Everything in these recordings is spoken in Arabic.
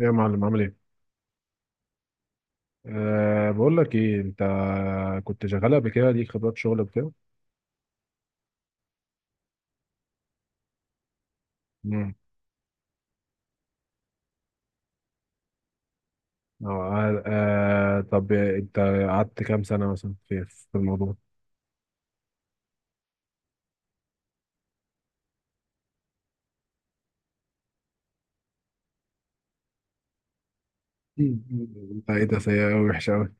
يا معلم عامل ايه؟ بقول لك ايه انت كنت شغال قبل كده ليك خبرات شغل وكده؟ امم أه أه آه، طب انت قعدت كام سنة مثلا في الموضوع؟ مم. انت ايه ده سيء قوي وحش قوي.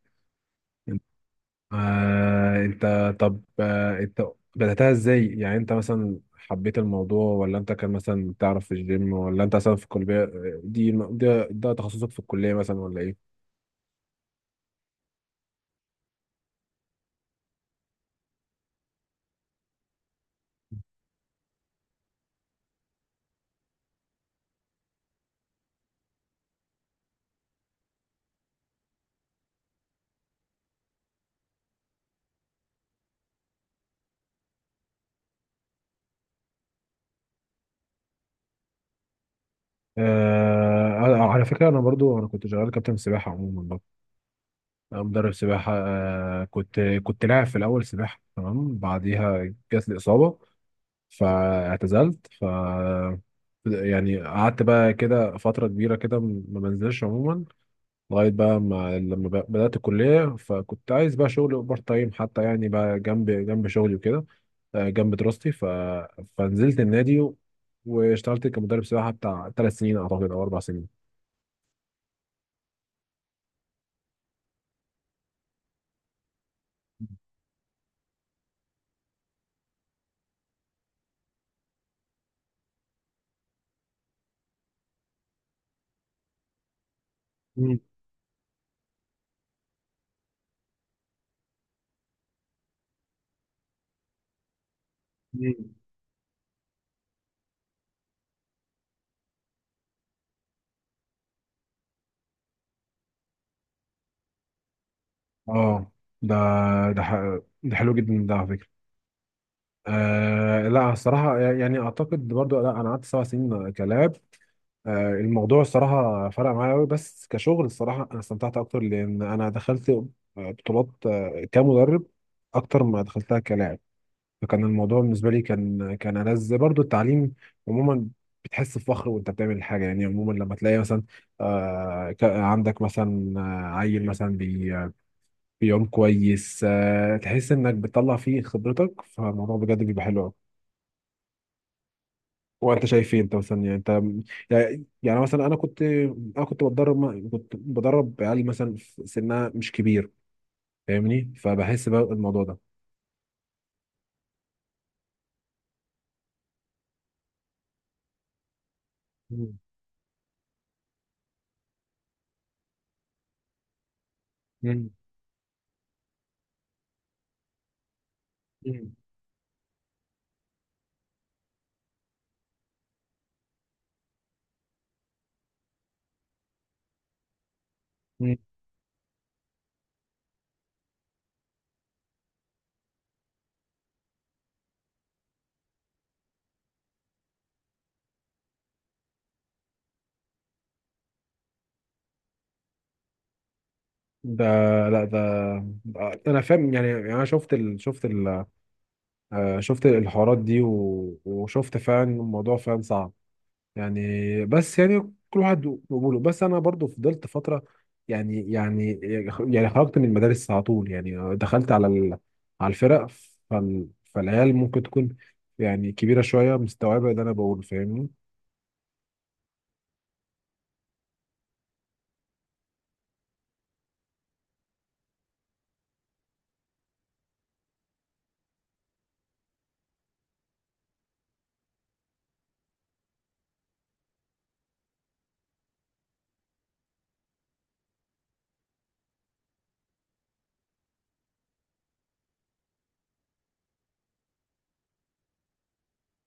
أه انت طب أه انت بدأتها ازاي؟ يعني انت مثلا حبيت الموضوع ولا انت كان مثلا تعرف في الجيم ولا انت مثلا في الكلية دي، ده تخصصك في الكلية مثلا ولا ايه؟ أه على فكرة انا برضو كنت شغال كابتن سباحة عموما برضو. أنا مدرب سباحة، كنت لاعب في الأول سباحة، تمام. بعديها جات لي إصابة فاعتزلت. يعني قعدت بقى كده فترة كبيرة كده ما بنزلش عموما لغاية بقى ما لما بدأت الكلية، فكنت عايز بقى شغل بارت تايم حتى، يعني بقى جنب شغلي وكده، جنب دراستي. فنزلت النادي واشتغلت كمدرب سباحة بتاع 3 سنين أعتقد أو 4 سنين. مم. اه ده ده حلو جدا ده على فكره. لا الصراحه يعني اعتقد برضو، لا انا قعدت 7 سنين كلاب. آه الموضوع الصراحه فرق معايا قوي، بس كشغل الصراحه انا استمتعت اكتر، لان انا دخلت بطولات كمدرب اكتر ما دخلتها كلاعب. فكان الموضوع بالنسبه لي كان ألذ برضو، التعليم عموما. بتحس بفخر وانت بتعمل حاجه، يعني عموما لما تلاقي مثلا عندك مثلا عيل مثلا يوم كويس، تحس انك بتطلع فيه خبرتك، فالموضوع بجد بيبقى حلو قوي. وانت شايف ايه؟ انت مثلا يعني انت يعني يعني مثلا انا كنت انا كنت كنت بدرب عيال مثلا في سنها مش كبير، فاهمني؟ فبحس بقى الموضوع ده. مم. مم. مم. مم. ده لا ده ده انا فاهم، يعني يعني انا شفت ال... شفت ال... آه، شفت الحوارات دي، وشفت فعلا الموضوع فعلا صعب يعني. بس يعني كل واحد وقبوله. بس انا برضو فضلت فتره، يعني يعني خرجت من المدارس على طول، يعني دخلت على على الفرق. فالعيال ممكن تكون يعني كبيره شويه مستوعبه اللي انا بقوله، فاهمني؟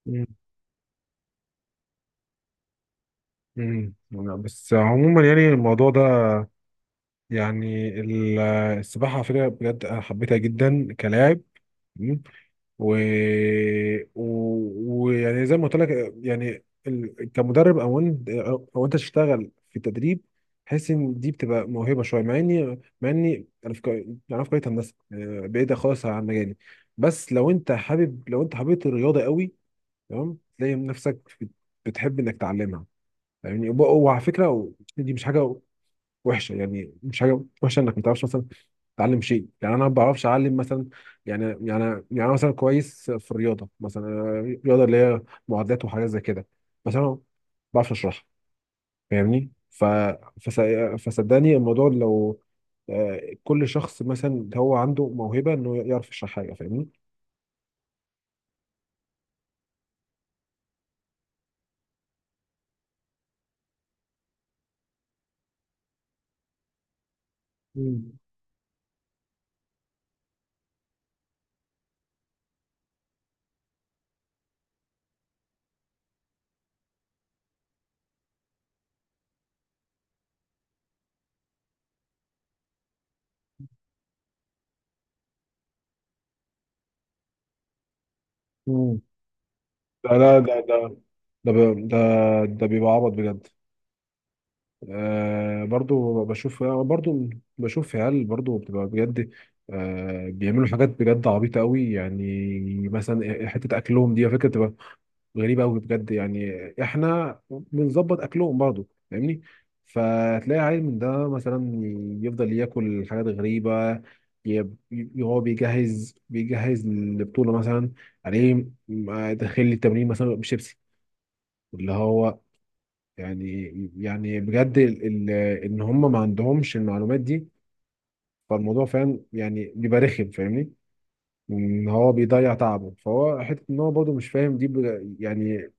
مم. مم. بس عموما يعني الموضوع ده، يعني ال- السباحه على فكره بجد انا حبيتها جدا كلاعب. و... و... ويعني زي ما قلت لك يعني كمدرب او انت او انت تشتغل في التدريب، حس ان دي بتبقى موهبه شويه، مع اني انا في كليه هندسه بعيده خالص عن مجالي. بس لو انت حابب، لو انت حبيت الرياضه قوي تمام تلاقي نفسك بتحب انك تعلمها يعني. وعلى فكره دي مش حاجه وحشه، يعني مش حاجه وحشه انك ما تعرفش مثلا تعلم شيء. يعني انا ما بعرفش اعلم مثلا، يعني يعني أنا مثلا كويس في الرياضه مثلا، أنا الرياضه اللي هي معادلات وحاجات زي كده، بس انا ما بعرفش اشرحها، فاهمني؟ فس... فصدقني الموضوع لو كل شخص مثلا هو عنده موهبه انه يعرف يشرح حاجه، فاهمني؟ مم. مم. لا لا ده ده ده بي- ده ده بيبقى عبط بجد. آه برضو بشوف، برضو بشوف عيال برضو بتبقى بجد آه بيعملوا حاجات بجد عبيطة قوي يعني. مثلا حتة أكلهم دي على فكرة بتبقى غريبة قوي بجد يعني. إحنا بنظبط أكلهم برضو، فاهمني؟ فتلاقي عيل من ده مثلا يفضل ياكل حاجات غريبة. ي- هو بيجهز للبطولة مثلا، عليه داخل التمرين مثلا بشيبسي، اللي هو يعني يعني بجد ال ال ان هم ما عندهمش المعلومات دي. فالموضوع فاهم، يعني بيبقى رخم، فاهمني؟ ان هو بيضيع تعبه. فهو حته ان هو برضه مش فاهم دي يعني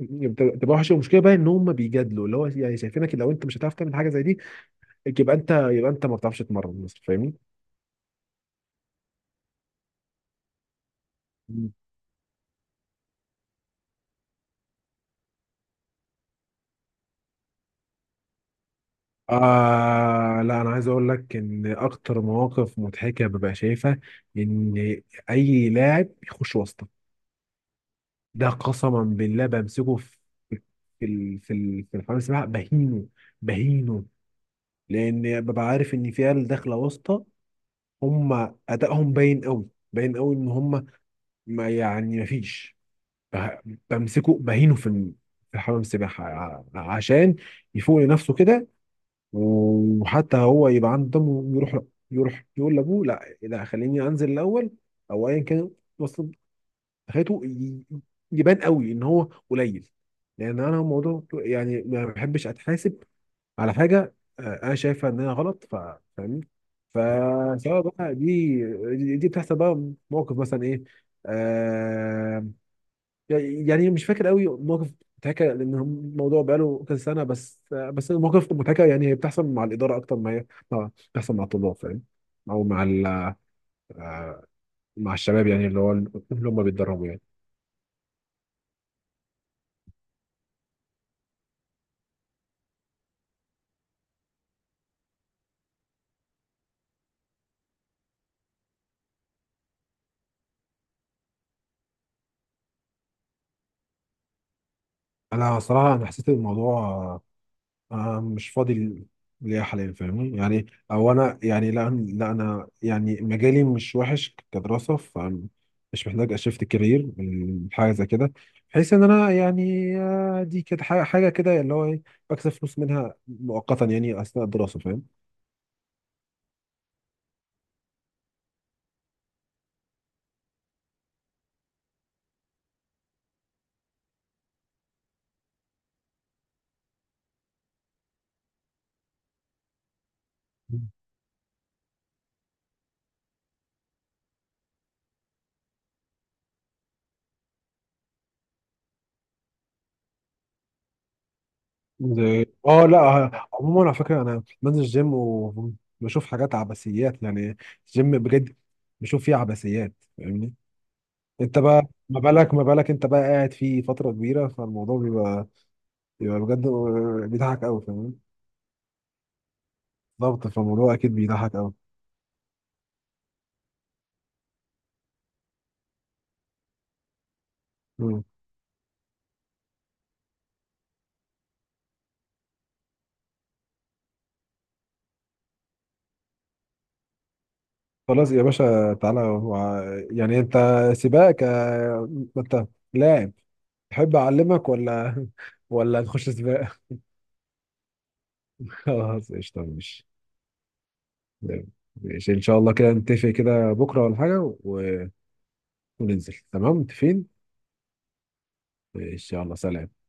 بتبقى وحشه. المشكله بقى ان هم بيجادلوا، اللي هو يعني شايفينك لو انت مش هتعرف تعمل حاجه زي دي يبقى انت، ما بتعرفش تتمرن مثلا، فاهمني؟ مم. لا انا عايز اقول لك ان اكتر مواقف مضحكه ببقى شايفها ان اي لاعب بيخش واسطه ده قسما بالله بمسكه في الحمام السباحه بهينه، بهينه، لان ببقى عارف ان في عيال داخله واسطه، هم ادائهم باين قوي. باين قوي ان هم ما فيش. بمسكه بهينه في حمام السباحه عشان يفوق لنفسه كده، وحتى هو يبقى عنده دم ويروح، يروح يقول لابوه لا لا خليني انزل الاول او ايا كان. حياته يبان قوي ان هو قليل. لان انا الموضوع يعني ما بحبش اتحاسب على حاجه انا شايفها انها غلط. فاهمني؟ فسواء بقى دي، بتحصل بقى موقف مثلا ايه. آه يعني مش فاكر قوي موقف متهكة لان الموضوع بقاله كذا سنه، بس بس المواقف المتهكة يعني هي بتحصل مع الاداره اكتر ما هي بتحصل مع الطلاب، فاهم؟ او مع ال- آه، مع الشباب، يعني اللي هو اللي هم بيتدربوا يعني. انا صراحه انا حسيت الموضوع انا مش فاضي ليا حاليا، فاهمني يعني؟ او انا يعني لا لا انا يعني مجالي مش وحش كدراسه، فمش محتاج اشفت كارير من حاجه زي كده، بحيث ان انا يعني دي كده حاجه حاجة كده اللي هو ايه، بكسب فلوس منها مؤقتا يعني اثناء الدراسه، فاهم؟ زي اه لا آه، عموما على فكره انا بنزل الجيم وبشوف حاجات عبثيات يعني. الجيم بجد بشوف فيه عبثيات، فاهمني؟ انت بقى، ما بالك انت بقى قاعد فيه فترة كبيرة، فالموضوع بيبقى بجد بيضحك قوي، فاهم؟ ضغط، فالموضوع اكيد بيضحك قوي. مم. خلاص يا باشا تعالى يعني انت سباق، ك ما انت لاعب، تحب اعلمك ولا ولا نخش سباق؟ خلاص قشطة، ماشي. تمام. ماشي ان شاء الله كده نتفق كده بكرة ولا حاجة وننزل، تمام؟ متفقين ان شاء الله. سلام.